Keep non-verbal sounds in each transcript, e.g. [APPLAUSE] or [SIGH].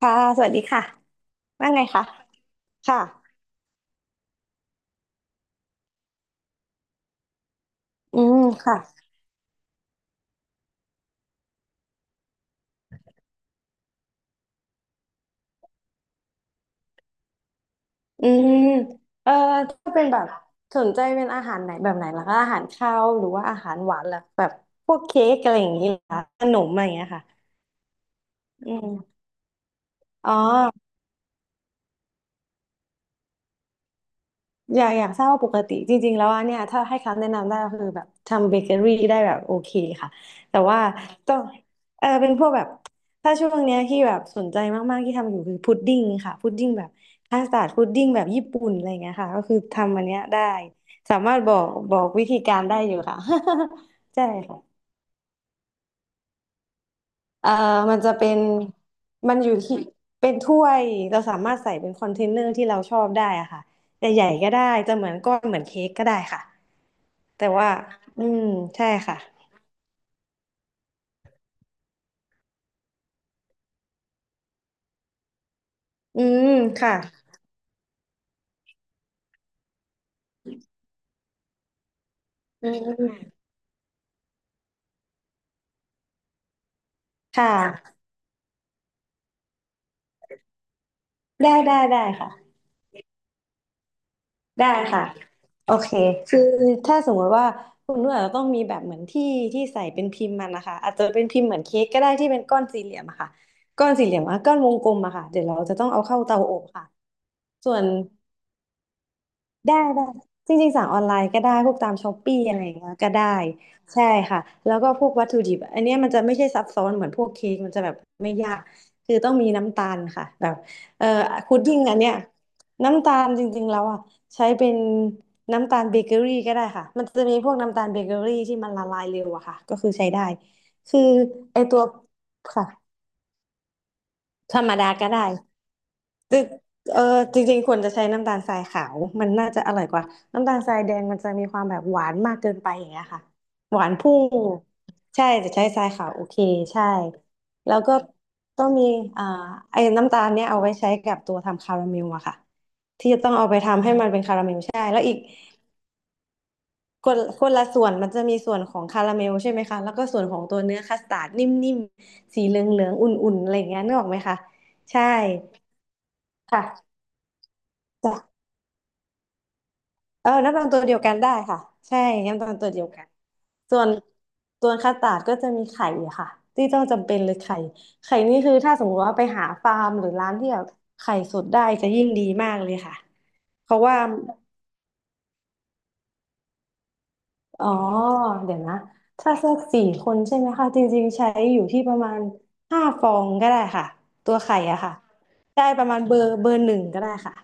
ค่ะสวัสดีค่ะว่าไงคะค่ะอืมค่ะอืมเอ่อถ้าเป็นแบบสนใจเป็นอาหารไหนแบบไหนล่ะคะอาหารคาวหรือว่าอาหารหวานล่ะแบบพวกเค้กอะไรอย่างนี้ล่ะขนมอะไรอย่างเงี้ยค่ะอืมอ๋อ อยากทราบว่าปกติจริงๆแล้วอะเนี่ยถ้าให้คำแนะนำได้ก็คือแบบทำเบเกอรี่ได้แบบโอเคค่ะแต่ว่าต้องเออเป็นพวกแบบถ้าช่วงเนี้ยที่แบบสนใจมากๆที่ทำอยู่คือพุดดิ้งค่ะพุดดิ้งแบบคัสตาร์ดพุดดิ้งแบบญี่ปุ่นอะไรเงี้ยค่ะก็คือทำอันเนี้ยได้สามารถบอกวิธีการได้อยู่ค่ะ [LAUGHS] ใช่ เอ่อมันจะเป็นมันอยู่ที่เป็นถ้วยเราสามารถใส่เป็นคอนเทนเนอร์ที่เราชอบได้อะค่ะใหญ่ๆก็ได้จะเหมือนก้อนเหมือนเค้กก็ได้ค่ะแต่ว่าอืมใช่ค่ะอืมค่ะอืมค่ะได้ค่ะได้ค่ะโอเคคือถ้าสมมติว่าคุณนุ่นอาจจะต้องมีแบบเหมือนที่ใส่เป็นพิมพ์มันนะคะอาจจะเป็นพิมพ์เหมือนเค้กก็ได้ที่เป็นก้อนสี่เหลี่ยมอะค่ะก้อนสี่เหลี่ยมอะก้อนวงกลมอะค่ะเดี๋ยวเราจะต้องเอาเข้าเตาอบค่ะส่วน ได้จริงๆสั่งออนไลน์ก็ได้พวกตามช้อปปี้อะไรอย่างเงี้ยก็ได้ใช่ค่ะแล้วก็พวกวัตถุดิบอันเนี้ยมันจะไม่ใช่ซับซ้อนเหมือนพวกเค้กมันจะแบบไม่ยากคือต้องมีน้ำตาลค่ะแบบเอ่อพุดดิ้งอันเนี้ยน้ำตาลจริงๆแล้วอ่ะใช้เป็นน้ำตาลเบเกอรี่ก็ได้ค่ะมันจะมีพวกน้ำตาลเบเกอรี่ที่มันละลายเร็วอะค่ะก็คือใช้ได้คือไอตัวค่ะธรรมดาก็ได้ จริงเออจริงๆควรจะใช้น้ำตาลทรายขาวมันน่าจะอร่อยกว่าน้ำตาลทรายแดงมันจะมีความแบบหวานมากเกินไปอย่างเงี้ยค่ะหวานพุ่งใช่จะใช้ทรายขาวโอเคใช่แล้วก็ต้องมีอ่าไอ้น้ำตาลเนี่ยเอาไว้ใช้กับตัวทำคาราเมลอะค่ะทำให้มันคนละส่วนมันจะมีส่วนของคาราเมลใช่ไหมคะแล้วก็ส่วนของตัวเนื้อคัสตาร์ดนิ่มๆสีเหลืองๆอุ่นๆอะไรอย่างเงี้ยนึกออกไหมคะใช่ค่ะ เออน้ำตาลตัวเดียวกันได้ค่ะใช่น้ำตาลตัวเดียวกันส่วนส่วนคัสตาร์ดก็จะมีไข่อะค่ะที่ต้องจำเป็นเลยไข่ไข่นี่คือถ้าสมมติว่าไปหาฟาร์มหรือร้านที่แบบไข่สดได้จะยิ่งดีมากเลยค่ะเพราะว่าอ๋อเดี๋ยวนะถ้าสักสี่คนใช่ไหมคะจริงๆใช้อยู่ที่ประมาณ5 ฟองก็ได้ค่ะตัวไข่อะค่ะได้ประมาณเบอร์หนึ่งก็ได้ค่ะ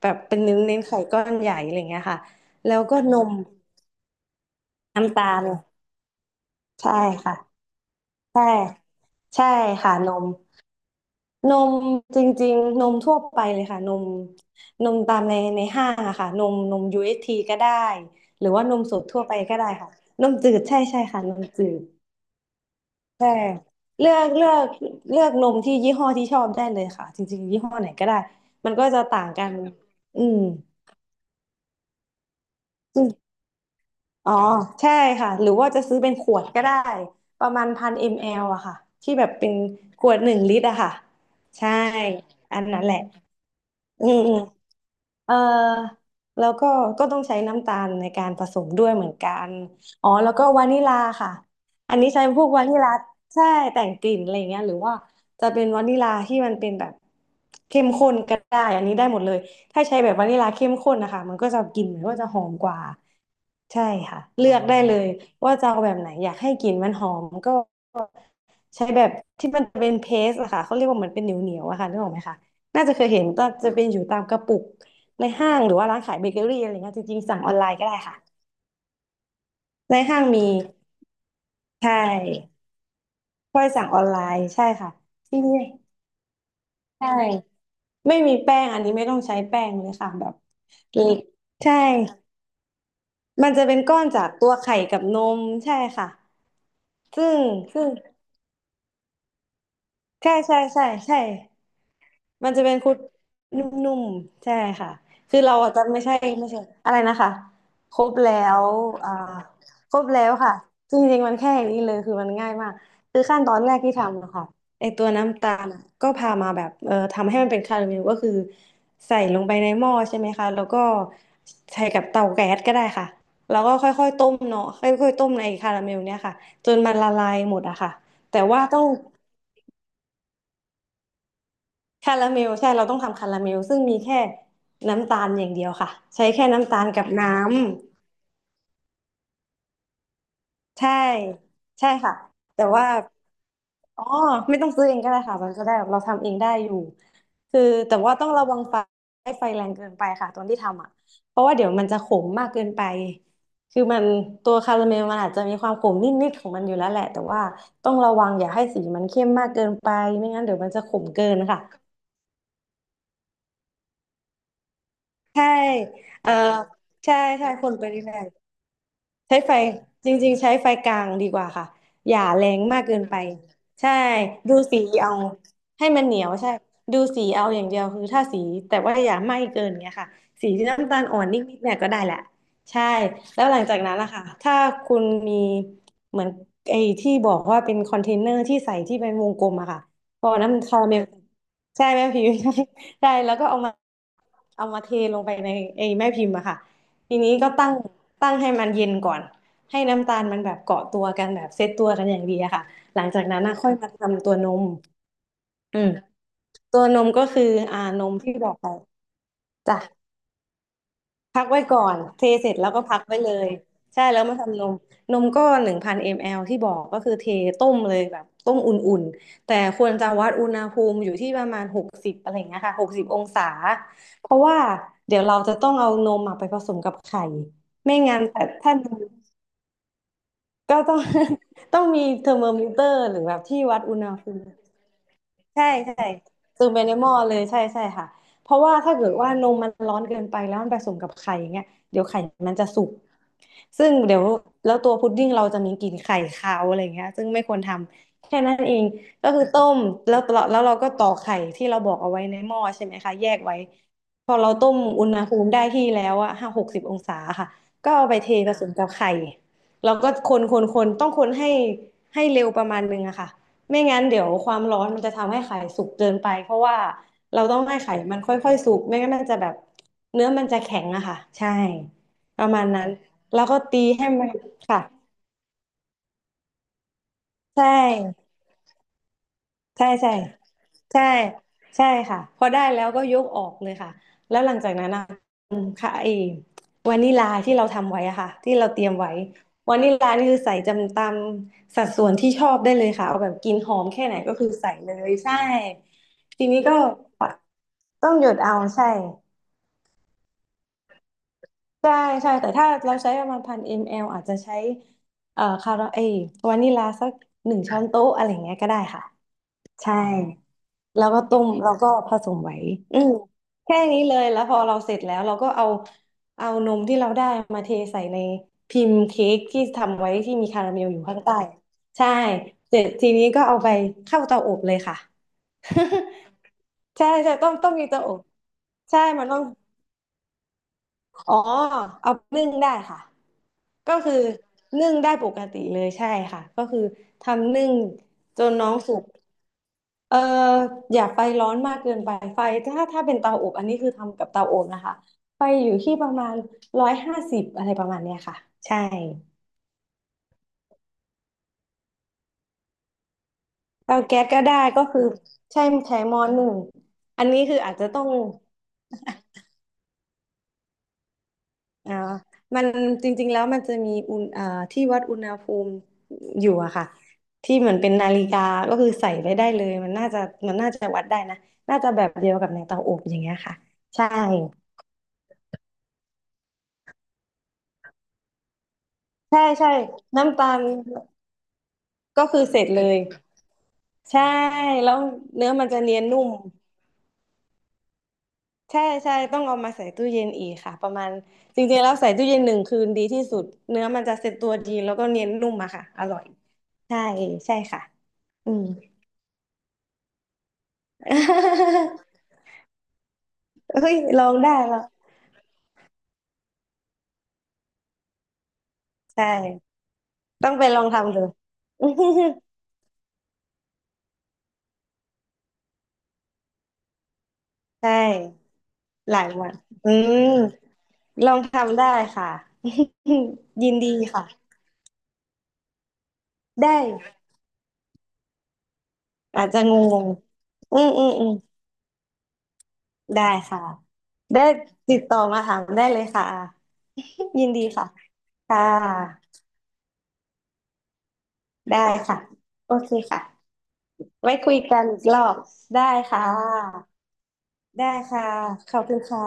แบบเป็นเน้นไข่ก้อนใหญ่อะไรเงี้ยค่ะแล้วก็นมน้ำตาล ใช่ค่ะใช่ใช่ค่ะนมนมจริงๆนมทั่วไปเลยค่ะนมนมตามในห้างอะค่ะนมนม UHT ก็ได้หรือว่านมสดทั่วไปก็ได้ค่ะนมจืดใช่ใช่ค่ะนมจืดใช่เลือกเลือกนมที่ยี่ห้อที่ชอบได้เลยค่ะจริงๆยี่ห้อไหนก็ได้มันก็จะต่างกันอืม อ๋อใช่ค่ะหรือว่าจะซื้อเป็นขวดก็ได้ประมาณพันมลอะค่ะที่แบบเป็นขวด1 ลิตรอะค่ะใช่อันนั้นแหละ อืมอืมเอ่อแล้วก็ก็ต้องใช้น้ำตาลในการผสมด้วยเหมือนกันอ๋อแล้วก็วานิลาค่ะอันนี้ใช้พวกวานิลาใช่แต่งกลิ่นอะไรเงี้ยหรือว่าจะเป็นวานิลาที่มันเป็นแบบเข้มข้นก็ได้อันนี้ได้หมดเลยถ้าใช้แบบวานิลาเข้มข้นนะคะมันก็จะกลิ่นมันก็จะหอมกว่าใช่ค่ะเลือกได้เลยว่าจะเอาแบบไหนอยากให้กลิ่นมันหอมก็ใช้แบบที่มันเป็นเพสอะค่ะเขาเรียกว่าเหมือนเป็นเหนียวๆอะค่ะนึกออกไหมคะ น่าจะเคยเห็นก็จะเป็นอยู่ตามกระปุกในห้างหรือว่าร้านขายเบเกอรี่อะไรเงี้ยจริงๆสั่งออนไลน์ก็ได้ค่ะในห้างมีใช่ค่อยสั่งออนไลน์ใช่ค่ะที่นี่ใช่ไม่มีแป้งอันนี้ไม่ต้องใช้แป้งเลยค่ะแบบเลินใช่มันจะเป็นก้อนจากตัวไข่กับนมใช่ค่ะซึ่งซึ่งใช่ใช่ใช่ใช่ มันจะเป็นคุดนุ่มๆใช่ค่ะคือเราอาจจะไม่ใช่อะไรนะคะครบแล้วอ่าครบแล้วค่ะจริงๆมันแค่อย่างนี้เลยคือมันง่ายมากคือขั้นตอนแรกที่ทำนะค่ะไอตัวน้ำตาลอะก็พามาแบบทำให้มันเป็นคาราเมลก็คือใส่ลงไปในหม้อใช่ไหมคะแล้วก็ใส่กับเตาแก๊สก็ได้ค่ะแล้วก็ค่อยๆต้มเนาะค่อยๆต้มในคาราเมลเนี่ยค่ะจนมันละลายหมดอะค่ะแต่ว่าต้อง คาราเมลใช่เราต้องทำคาราเมลซึ่งมีแค่น้ำตาลอย่างเดียวค่ะใช้แค่น้ำตาลกับน้ำใช่ใช่ค่ะแต่ว่าอ๋อไม่ต้องซื้อเองก็ได้ค่ะมันก็ได้เราทำเองได้อยู่คือแต่ว่าต้องระวังไฟให้ไฟแรงเกินไปค่ะตอนที่ทำอ่ะเพราะว่าเดี๋ยวมันจะขมมากเกินไปคือมันตัวคาราเมลมันอาจจะมีความขมนิดๆของมันอยู่แล้วแหละแต่ว่าต้องระวังอย่าให้สีมันเข้มมากเกินไปไม่งั้นเดี๋ยวมันจะขมเกินค่ะใช่เออใช่ใช่คนไปเรื่อย ใช้ไฟจริงๆใช้ไฟกลางดีกว่าค่ะอย่าแรงมากเกินไปใช่ดูสีเอาให้มันเหนียวใช่ดูสีเอาอย่างเดียวคือถ้าสีแต่ว่าอย่าไหม้เกินเงี้ยค่ะสีที่น้ำตาลอ่อนนิดๆเนี่ยก็ได้แหละใช่แล้วหลังจากนั้นนะคะถ้าคุณมีเหมือนไอ้ที่บอกว่าเป็นคอนเทนเนอร์ที่ใส่ที่เป็นวงกลมอะค่ะพอน้ำคาราเมลใช่แม่พิมพ์ [LAUGHS] ใช่แล้วก็เอามาเทลงไปในไอ้แม่พิมพ์อะค่ะ ทีนี้ก็ตั้งให้มันเย็นก่อน ให้น้ำตาลมันแบบเกาะตัวกันแบบเซตตัวกันอย่างดีอะค่ะ หลังจากนั้นนะค่อยมาทำตัวนมอืมตัวนมก็คือนมที่บอกไปจ้ะพักไว้ก่อนเทเสร็จแล้วก็พักไว้เลย ใช่แล้วมาทำนม นมก็1,000 มลที่บอกก็คือต้มเลยแบบต้มอุ่นๆแต่ควรจะวัดอุณหภูมิอยู่ที่ประมาณหกสิบอะไรอย่างเงี้ยค่ะหกสิบองศาเพราะว่าเดี๋ยวเราจะต้องเอานมอะไปผสมกับไข่ไม่งั้นแต่ถ้านม ก็ต้อง [LAUGHS] ต้องมีเทอร์โมมิเตอร์หรือแบบที่วัดอุณหภูมิ ใช่ใช่ซตมไปในหม้อเลยใช่ใช่ค่ะเพราะว่าถ้าเกิดว่านมมันร้อนเกินไปแล้วมันผสมกับไข่อย่างเงี้ยเดี๋ยวไข่มันจะสุกซึ่งเดี๋ยวแล้วตัวพุดดิ้งเราจะมีกลิ่นไข่คาวอะไรเงี้ยซึ่งไม่ควรทำแค่นั้นเองก็คือต้มแล้วแล้วเราก็ตอกไข่ที่เราบอกเอาไว้ในหม้อใช่ไหมคะแยกไว้พอเราต้มอุณหภูมิได้ที่แล้วอะ50-60องศาค่ะก็เอาไปเทผสมกับไข่เราก็คนต้องคนให้ให้เร็วประมาณนึงอะค่ะ ไม่งั้นเดี๋ยวความร้อนมันจะทำให้ไข่สุกเกินไปเพราะว่าเราต้องให้ไข่มันค่อยๆสุกไม่งั้นมันจะแบบเนื้อมันจะแข็งอะค่ะใช่ประมาณนั้นแล้วก็ตีให้มันค่ะใช่ ใช่ใช่ใช่ใช่ค่ะพอได้แล้วก็ยกออกเลยค่ะแล้วหลังจากนั้นนะค่ะไอ้วานิลาที่เราทำไว้อะค่ะที่เราเตรียมไว้วานิลานี่คือใส่จำตามสัดส่วนที่ชอบได้เลยค่ะเอาแบบกินหอมแค่ไหนก็คือใส่เลยใช่ทีนี้ก็ต้องหยดเอาใช่ใช่ใช่แต่ถ้าเราใช้ประมาณ1,000 ml อมแอลอาจจะใช้คาราเอยวานิลาสัก1 ช้อนโต๊ะอะไรอย่างเงี้ยก็ได้ค่ะ ใช่แล้วก็ต้มแล้วก็ผสมไว้อืมแค่นี้เลยแล้วพอเราเสร็จแล้วเราก็เอานมที่เราได้มาเทใส่ในพิมพ์เค้กที่ทำไว้ที่มีคาราเมลอยู่ข้างใต้ใช่เสร็จทีนี้ก็เอาไปเข้าเตาอบเลยค่ะ [LAUGHS] ใช่ใช่ต้องมีเตาอบใช่มันต้อง อ๋อเอานึ่งได้ค่ะก็คือนึ่งได้ปกติเลยใช่ค่ะก็คือทำนึ่งจนน้องสุกเอ่ออย่าไฟร้อนมากเกินไปไฟถ้าเป็นเตาอบอันนี้คือทำกับเตาอบนะคะไฟอยู่ที่ประมาณ150อะไรประมาณเนี้ยค่ะใช่เตาแก๊สก็ได้ก็คือใช่ใช้หม้อหนึ่งอันนี้คืออาจจะต้อง อ่ามันจริงๆแล้วมันจะมีอุณที่วัดอุณหภูมิอยู่อะค่ะที่เหมือนเป็นนาฬิกาก็คือใส่ไว้ได้เลยมันน่าจะวัดได้นะน่าจะแบบเดียวกับในเตาอบอย่างเงี้ยค่ะใช่ใช่ใช่น้ำตาลก็คือเสร็จเลยใช่แล้วเนื้อมันจะเนียนนุ่มใช่ใช่ต้องเอามาใส่ตู้เย็นอีกค่ะประมาณจริงๆแล้วใส่ตู้เย็น1 คืนดีที่สุดเนื้อมันจะเซ็ตตัวดีแล้วก็เนียนนุ่มอะค่ะอร่อยใช่ใช่ค่ะอืม [LAUGHS] เฮ้ยลองได้เหรอใช่ต้องไปลองทำดู [LAUGHS] อือฮึใช่หลายวันอืมลองทำได้ค่ะ [LAUGHS] ยินดีค่ะได้อาจจะงงๆอืมอืมอืมได้ค่ะได้ติดต่อมาถามได้เลยค่ะ [LAUGHS] ยินดีค่ะค่ะได้ค่ะโอเคค่ะไว้คุยกันอีกรอบได้ค่ะได้ค่ะขอบคุณค่ะ